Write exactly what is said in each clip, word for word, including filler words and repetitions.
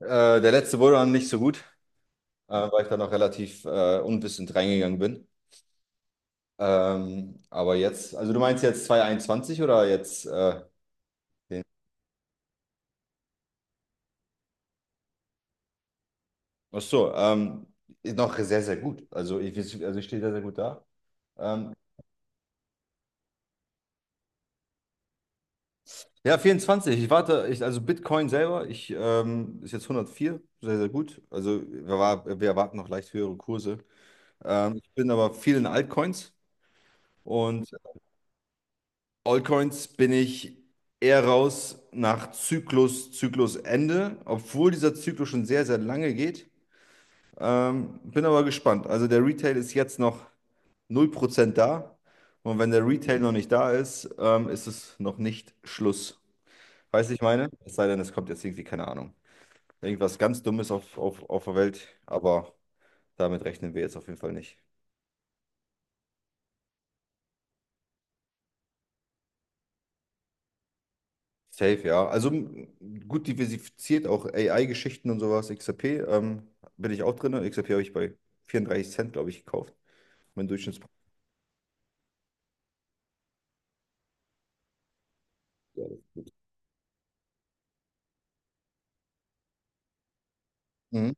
Äh, der letzte wurde dann nicht so gut, äh, weil ich da noch relativ äh, unwissend reingegangen bin. Ähm, aber jetzt, also du meinst jetzt zwanzig einundzwanzig oder jetzt äh, den? Ach so, ähm, ist noch sehr, sehr gut. Also ich, also ich stehe sehr, sehr gut da. Ähm, ja, vierundzwanzig. Ich warte, ich, also Bitcoin selber, ich ähm, ist jetzt hundertvier sehr, sehr gut. Also wir, war, wir erwarten noch leicht höhere Kurse. Ähm, ich bin aber viel in Altcoins und Altcoins bin ich eher raus nach Zyklus, Zyklusende, obwohl dieser Zyklus schon sehr, sehr lange geht. Ähm, bin aber gespannt. Also der Retail ist jetzt noch null Prozent da. Und wenn der Retail noch nicht da ist, ähm, ist es noch nicht Schluss. Weißt du, ich meine? Es sei denn, es kommt jetzt irgendwie, keine Ahnung, irgendwas ganz Dummes auf, auf, auf der Welt. Aber damit rechnen wir jetzt auf jeden Fall nicht. Safe, ja. Also m, gut diversifiziert, auch A I-Geschichten und sowas. X R P, ähm, bin ich auch drin. X R P habe ich bei vierunddreißig Cent, glaube ich, gekauft. Mein Durchschnittspreis. Mhm.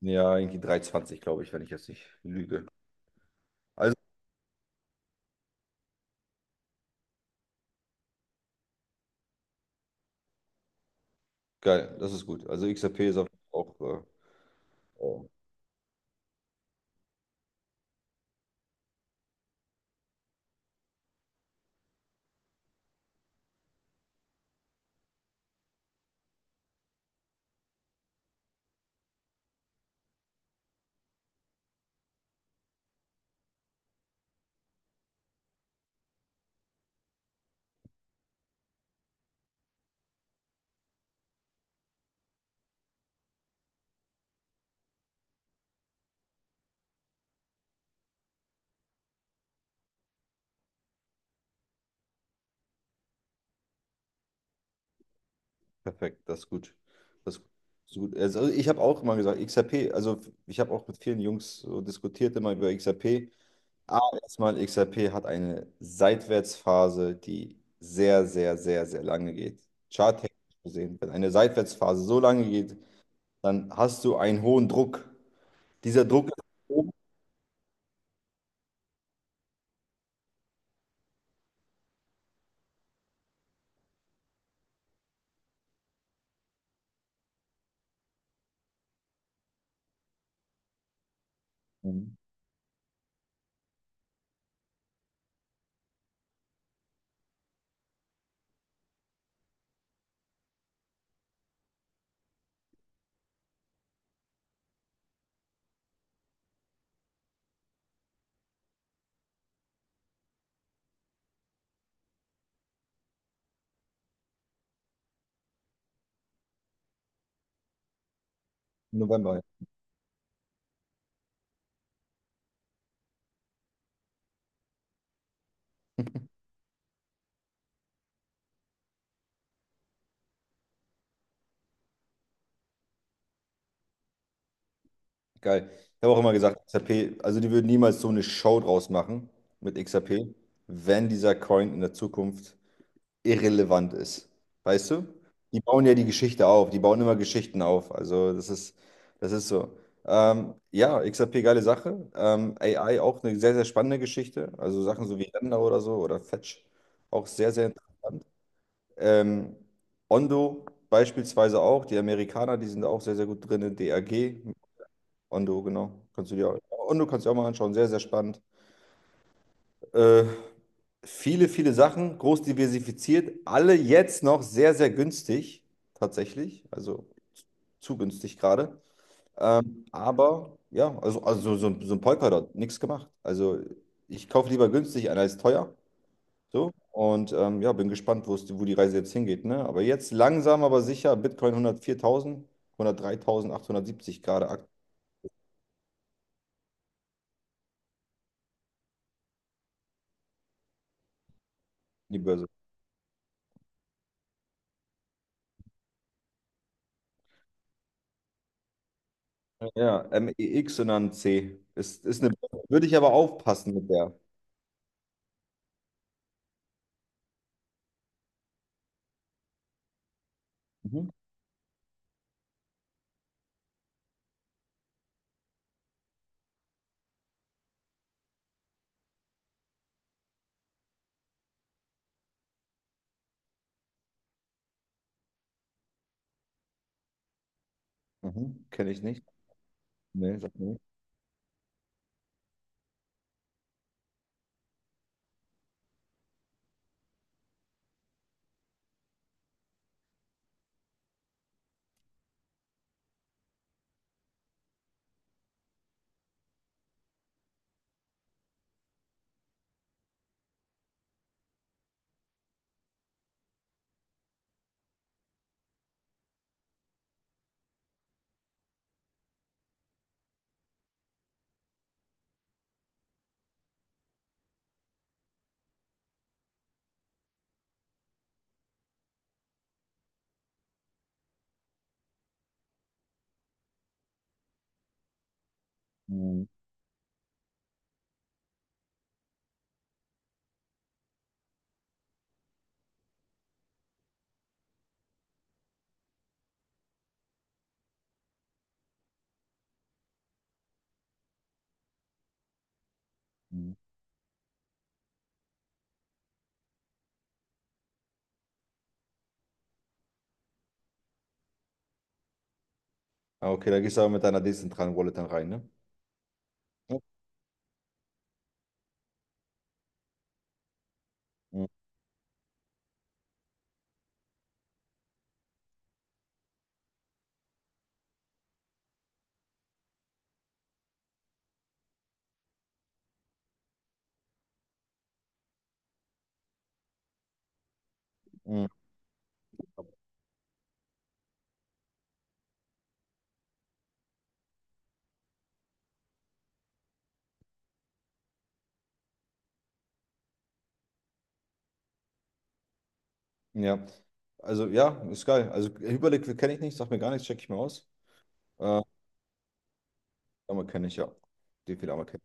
Ja, irgendwie drei Komma zwanzig, glaube ich, wenn ich jetzt nicht lüge. Also geil, das ist gut. Also X R P ist auch, auch äh, äh, perfekt, das ist gut. Das ist gut. Also ich habe auch immer gesagt, X R P, also ich habe auch mit vielen Jungs so diskutiert immer über X R P. A, erstmal X R P hat eine Seitwärtsphase, die sehr, sehr, sehr, sehr lange geht. Charttechnisch gesehen, wenn eine Seitwärtsphase so lange geht, dann hast du einen hohen Druck. Dieser Druck ist oben. Mhm. Im November, ja. Geil. Ich habe auch immer gesagt, X R P, also die würden niemals so eine Show draus machen mit X R P, wenn dieser Coin in der Zukunft irrelevant ist. Weißt du? Die bauen ja die Geschichte auf, die bauen immer Geschichten auf. Also das ist, das ist so. Ähm, ja, X R P, geile Sache. Ähm, A I auch eine sehr, sehr spannende Geschichte. Also Sachen so wie Lambda oder so oder Fetch, auch sehr, sehr interessant. Ähm, Ondo beispielsweise auch, die Amerikaner, die sind da auch sehr, sehr gut drin. D A G, Ondo, genau. Kannst du dir auch, Ondo kannst du dir auch mal anschauen, sehr, sehr spannend. Äh, Viele, viele Sachen, groß diversifiziert, alle jetzt noch sehr, sehr günstig, tatsächlich. Also zu günstig gerade. Ähm, aber ja, also, also so, so ein Polkadot, nichts gemacht. Also ich kaufe lieber günstig ein als teuer. So. Und ähm, ja, bin gespannt, wo es, wo die Reise jetzt hingeht. Ne? Aber jetzt langsam, aber sicher, Bitcoin hundertviertausend hundertdreitausendachthundertsiebzig gerade aktuell. Die Börse. Ja, M E X und dann C. Ist, ist eine, würde ich aber aufpassen mit der. Mhm. Mhm. Kenne ich nicht. Nee, sag mir nicht. Mhm. Mhm. Ah, okay, da gehst du aber mit deiner dezentralen Wallet dann rein, ne? Mhm. Mhm. Mhm. Ja. Also ja, ist geil. Also Hyperliquid kenne ich nicht, sag mir gar nichts, check ich mir aus. Äh, Ammer kenne ich, ja. Die viel Ammer kenne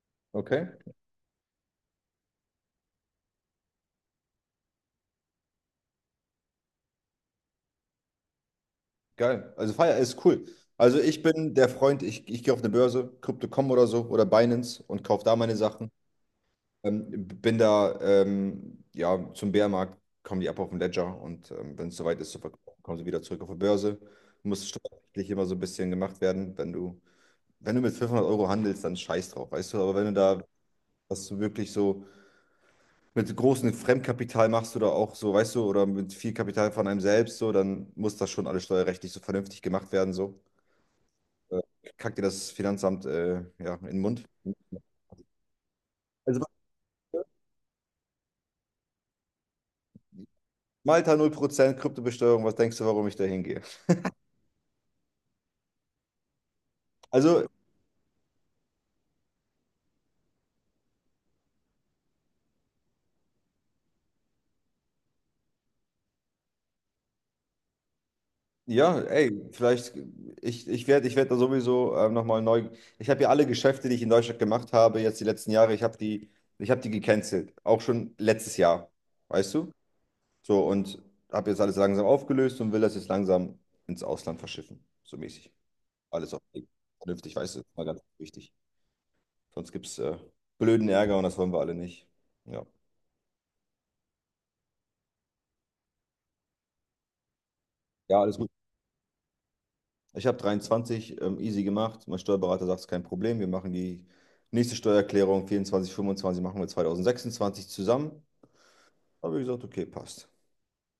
ich. Okay, geil. Also Fire ist cool. Also ich bin der Freund, ich, ich gehe auf eine Börse, Crypto Punkt com oder so oder Binance und kaufe da meine Sachen. Ähm, bin da, ähm, ja, zum Bärenmarkt kommen die ab auf den Ledger und ähm, wenn es soweit ist zu verkaufen, kommen sie wieder zurück auf die Börse. Muss steuerlich immer so ein bisschen gemacht werden. Wenn du, wenn du mit fünfhundert Euro handelst, dann scheiß drauf, weißt du? Aber wenn du da, was du wirklich so mit großem Fremdkapital machst oder auch so, weißt du, oder mit viel Kapital von einem selbst, so, dann muss das schon alles steuerrechtlich so vernünftig gemacht werden, so. Äh, Kackt dir das Finanzamt, äh, ja, in den Mund. Also Malta null Prozent Kryptobesteuerung, was denkst du, warum ich da hingehe? Also, ja, ey, vielleicht, ich, ich werde ich werd da sowieso ähm, nochmal neu. Ich habe ja alle Geschäfte, die ich in Deutschland gemacht habe, jetzt die letzten Jahre, ich habe die, ich habe die gecancelt. Auch schon letztes Jahr, weißt du? So, und habe jetzt alles langsam aufgelöst und will das jetzt langsam ins Ausland verschiffen. So mäßig. Alles auf vernünftig, weißt du, das ist mal ganz wichtig. Sonst gibt es äh, blöden Ärger und das wollen wir alle nicht. Ja. Ja, alles Ich habe dreiundzwanzig ähm, easy gemacht. Mein Steuerberater sagt, es ist kein Problem. Wir machen die nächste Steuererklärung vierundzwanzig, fünfundzwanzig machen wir zweitausendsechsundzwanzig zusammen. Habe ich gesagt, okay, passt.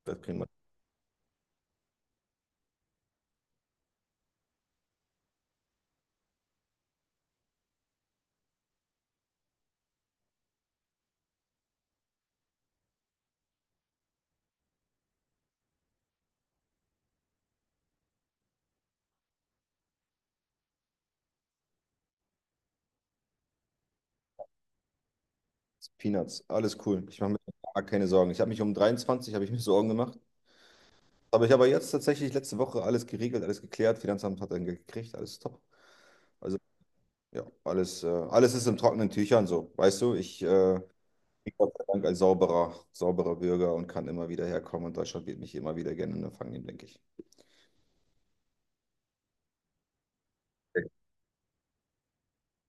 Das kriegen wir. Peanuts, alles cool. Ich mache mir gar keine Sorgen. Ich habe mich um dreiundzwanzig habe ich mir Sorgen gemacht. Aber ich habe jetzt tatsächlich letzte Woche alles geregelt, alles geklärt. Finanzamt hat dann gekriegt, alles top. Also ja, alles, äh, alles ist in trockenen Tüchern so. Weißt du, ich äh, bin Gott sei Dank ein sauberer, sauberer Bürger und kann immer wieder herkommen und Deutschland wird mich immer wieder gerne empfangen, denke ich.